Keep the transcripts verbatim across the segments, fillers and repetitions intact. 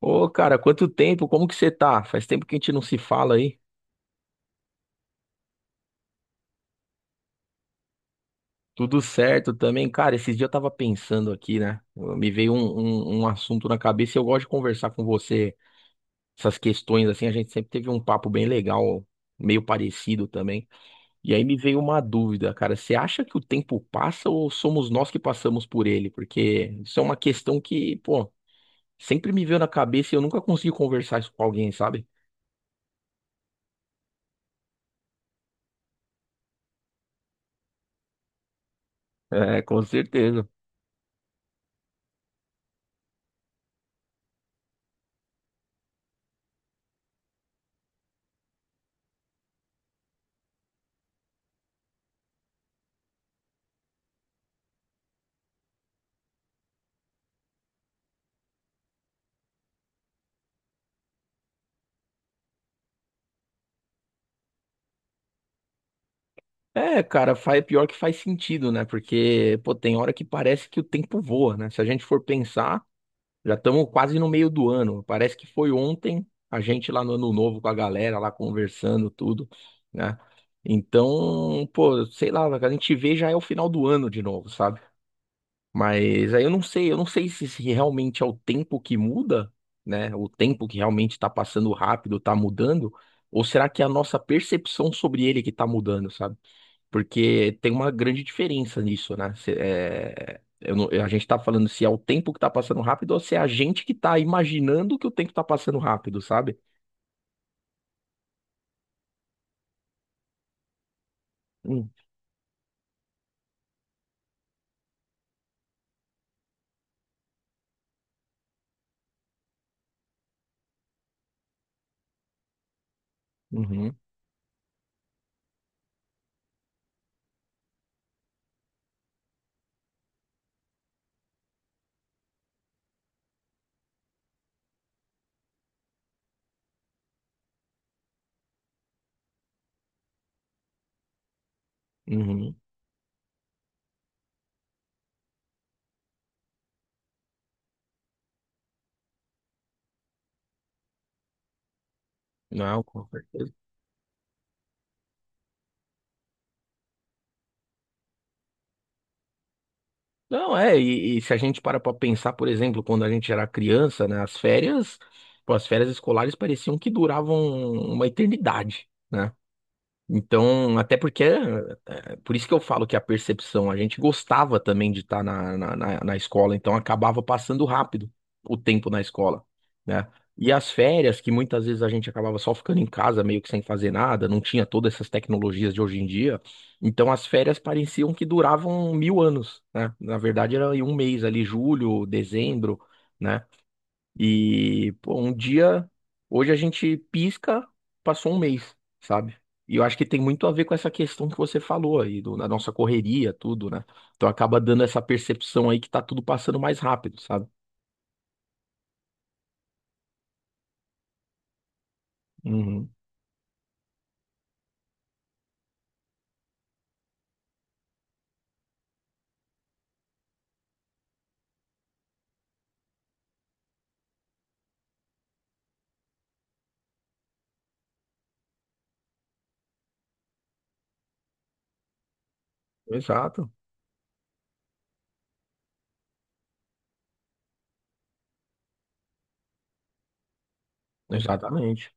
Ô, cara, quanto tempo? Como que você tá? Faz tempo que a gente não se fala aí. Tudo certo também. Cara, esses dias eu tava pensando aqui, né? Me veio um, um, um assunto na cabeça e eu gosto de conversar com você essas questões, assim. A gente sempre teve um papo bem legal, meio parecido também. E aí me veio uma dúvida, cara. Você acha que o tempo passa ou somos nós que passamos por ele? Porque isso é uma questão que, pô, sempre me veio na cabeça e eu nunca consegui conversar isso com alguém, sabe? É, com certeza. É, cara, faz, pior que faz sentido, né? Porque, pô, tem hora que parece que o tempo voa, né? Se a gente for pensar, já estamos quase no meio do ano. Parece que foi ontem a gente lá no Ano Novo com a galera lá conversando, tudo, né? Então, pô, sei lá, a gente vê já é o final do ano de novo, sabe? Mas aí eu não sei, eu não sei se, se realmente é o tempo que muda, né? O tempo que realmente está passando rápido, tá mudando, ou será que é a nossa percepção sobre ele que tá mudando, sabe? Porque tem uma grande diferença nisso, né? Cê- é, eu não- a gente tá falando se é o tempo que tá passando rápido ou se é a gente que tá imaginando que o tempo tá passando rápido, sabe? Hum. Uhum, uhum. Não, com certeza. Não, é, e, e se a gente para pra pensar, por exemplo, quando a gente era criança, né? As férias, pô, as férias escolares pareciam que duravam uma eternidade, né? Então, até porque, é, por isso que eu falo que a percepção, a gente gostava também de estar na, na, na, na escola, então acabava passando rápido o tempo na escola, né? E as férias, que muitas vezes a gente acabava só ficando em casa, meio que sem fazer nada, não tinha todas essas tecnologias de hoje em dia, então as férias pareciam que duravam mil anos, né? Na verdade era em um mês ali, julho, dezembro, né? E, pô, um dia, hoje a gente pisca, passou um mês, sabe? E eu acho que tem muito a ver com essa questão que você falou aí, do, na nossa correria, tudo, né? Então acaba dando essa percepção aí que tá tudo passando mais rápido, sabe? Uhum. Exato, exatamente.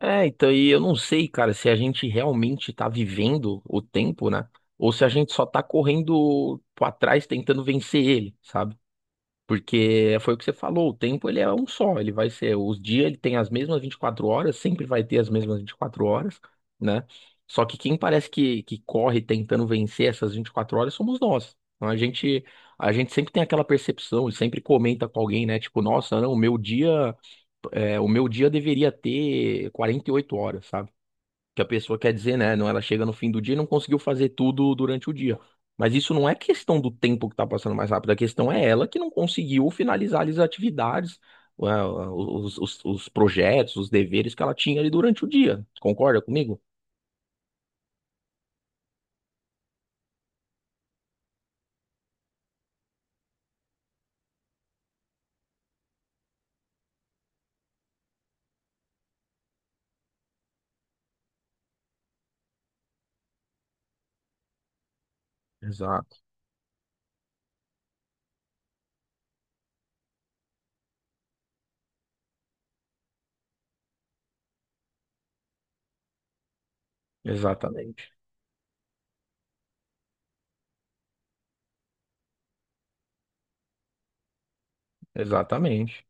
É, então, e eu não sei, cara, se a gente realmente tá vivendo o tempo, né? Ou se a gente só tá correndo pra trás tentando vencer ele, sabe? Porque foi o que você falou, o tempo ele é um só, ele vai ser, os dias ele tem as mesmas vinte e quatro horas, sempre vai ter as mesmas vinte e quatro horas, né? Só que quem parece que, que corre tentando vencer essas vinte e quatro horas somos nós. Então, a gente, a gente sempre tem aquela percepção e sempre comenta com alguém, né? Tipo, nossa, não, o meu dia, é, o meu dia deveria ter quarenta e oito horas, sabe? Que a pessoa quer dizer, né? Não, ela chega no fim do dia e não conseguiu fazer tudo durante o dia. Mas isso não é questão do tempo que tá passando mais rápido, a questão é ela que não conseguiu finalizar as atividades, ah, os, os, os projetos, os deveres que ela tinha ali durante o dia. Concorda comigo? Exato, exatamente, exatamente.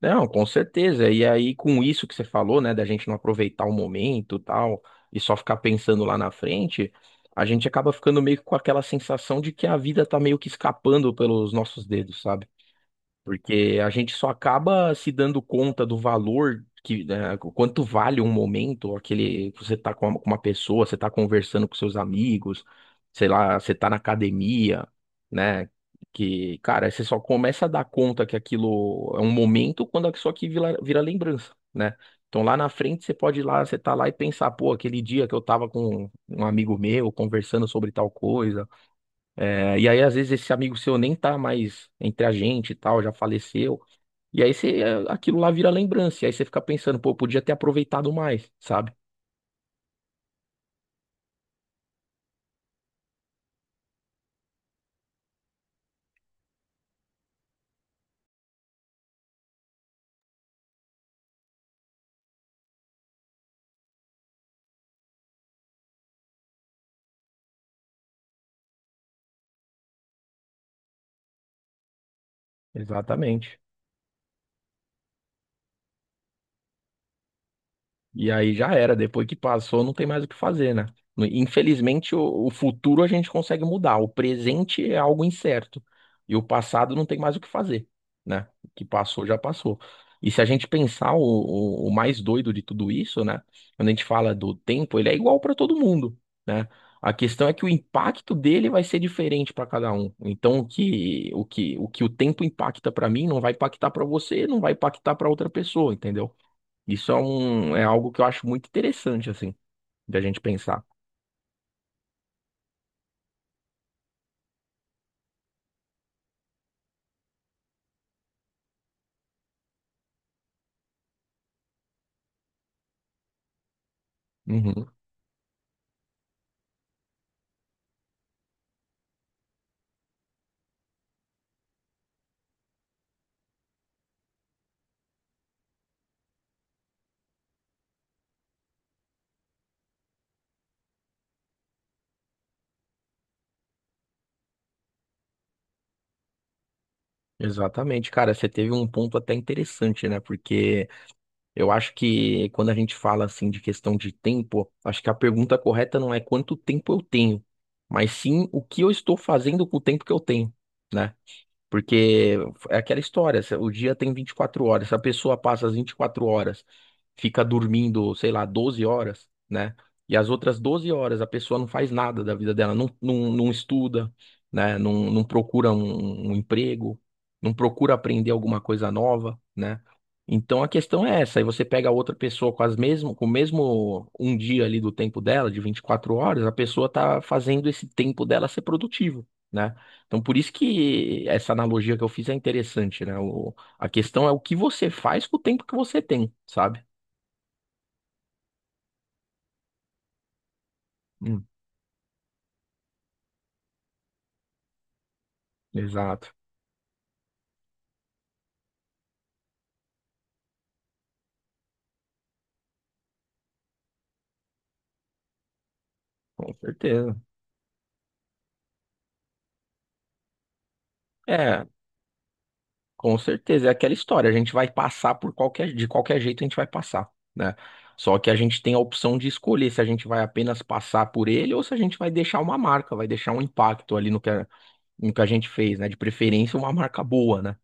Não, com certeza. E aí, com isso que você falou, né, da gente não aproveitar o momento, tal, e só ficar pensando lá na frente, a gente acaba ficando meio que com aquela sensação de que a vida tá meio que escapando pelos nossos dedos, sabe? Porque a gente só acaba se dando conta do valor que, né, o quanto vale um momento, aquele que você tá com uma, com uma pessoa, você tá conversando com seus amigos, sei lá, você tá na academia, né? Que, cara, você só começa a dar conta que aquilo é um momento quando isso aqui vira, vira lembrança, né? Então lá na frente você pode ir lá, você tá lá e pensar, pô, aquele dia que eu tava com um amigo meu conversando sobre tal coisa. É, e aí às vezes esse amigo seu nem tá mais entre a gente e tal, já faleceu. E aí você, eh, aquilo lá vira lembrança. E aí você fica pensando, pô, eu podia ter aproveitado mais, sabe? Exatamente. E aí já era, depois que passou, não tem mais o que fazer, né? Infelizmente, o, o futuro a gente consegue mudar, o presente é algo incerto. E o passado não tem mais o que fazer, né? O que passou, já passou. E se a gente pensar o, o, o mais doido de tudo isso, né? Quando a gente fala do tempo, ele é igual para todo mundo, né? A questão é que o impacto dele vai ser diferente para cada um. Então, o que o que o que o tempo impacta para mim não vai impactar para você, não vai impactar para outra pessoa, entendeu? Isso é, um, é algo que eu acho muito interessante, assim, da gente pensar. Uhum. Exatamente, cara, você teve um ponto até interessante, né? Porque eu acho que quando a gente fala assim de questão de tempo, acho que a pergunta correta não é quanto tempo eu tenho, mas sim o que eu estou fazendo com o tempo que eu tenho, né? Porque é aquela história, se- o dia tem vinte e quatro horas, se a pessoa passa as vinte e quatro horas, fica dormindo, sei lá, doze horas, né? E as outras doze horas a pessoa não faz nada da vida dela, não, não, não estuda, né? Não, não procura um, um emprego, não procura aprender alguma coisa nova, né? Então a questão é essa, aí você pega outra pessoa com as mesmo, com o mesmo um dia ali do tempo dela, de vinte e quatro horas, a pessoa tá fazendo esse tempo dela ser produtivo, né? Então, por isso que essa analogia que eu fiz é interessante, né? O, a questão é o que você faz com o tempo que você tem, sabe? Hum, exato, com certeza. É, com certeza. É aquela história. A gente vai passar por qualquer, de qualquer jeito a gente vai passar, né? Só que a gente tem a opção de escolher se a gente vai apenas passar por ele ou se a gente vai deixar uma marca, vai deixar um impacto ali no que a, no que a gente fez, né? De preferência, uma marca boa, né?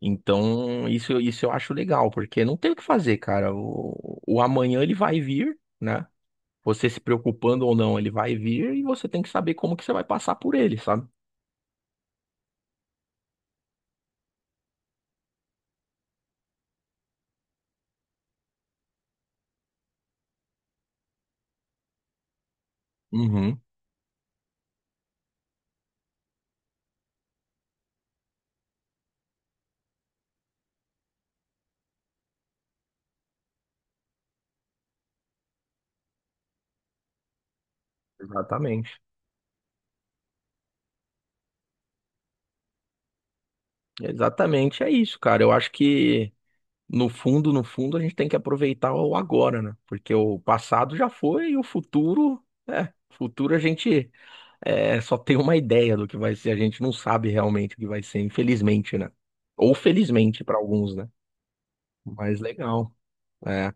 Então, isso, isso eu acho legal, porque não tem o que fazer, cara. O, o amanhã ele vai vir, né? Você se preocupando ou não, ele vai vir e você tem que saber como que você vai passar por ele, sabe? Uhum. Exatamente. Exatamente, é isso, cara. Eu acho que no fundo, no fundo, a gente tem que aproveitar o agora, né? Porque o passado já foi e o futuro, é, futuro a gente é, só tem uma ideia do que vai ser, a gente não sabe realmente o que vai ser, infelizmente, né? Ou felizmente para alguns, né? Mas legal. É,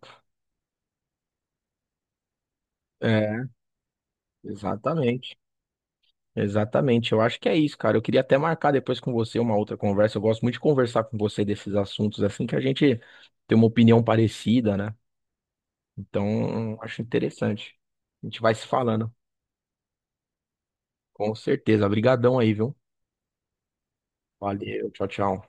é, exatamente. Exatamente. Eu acho que é isso, cara. Eu queria até marcar depois com você uma outra conversa. Eu gosto muito de conversar com você desses assuntos, assim que a gente tem uma opinião parecida, né? Então, acho interessante. A gente vai se falando. Com certeza. Obrigadão aí, viu? Valeu. Tchau, tchau.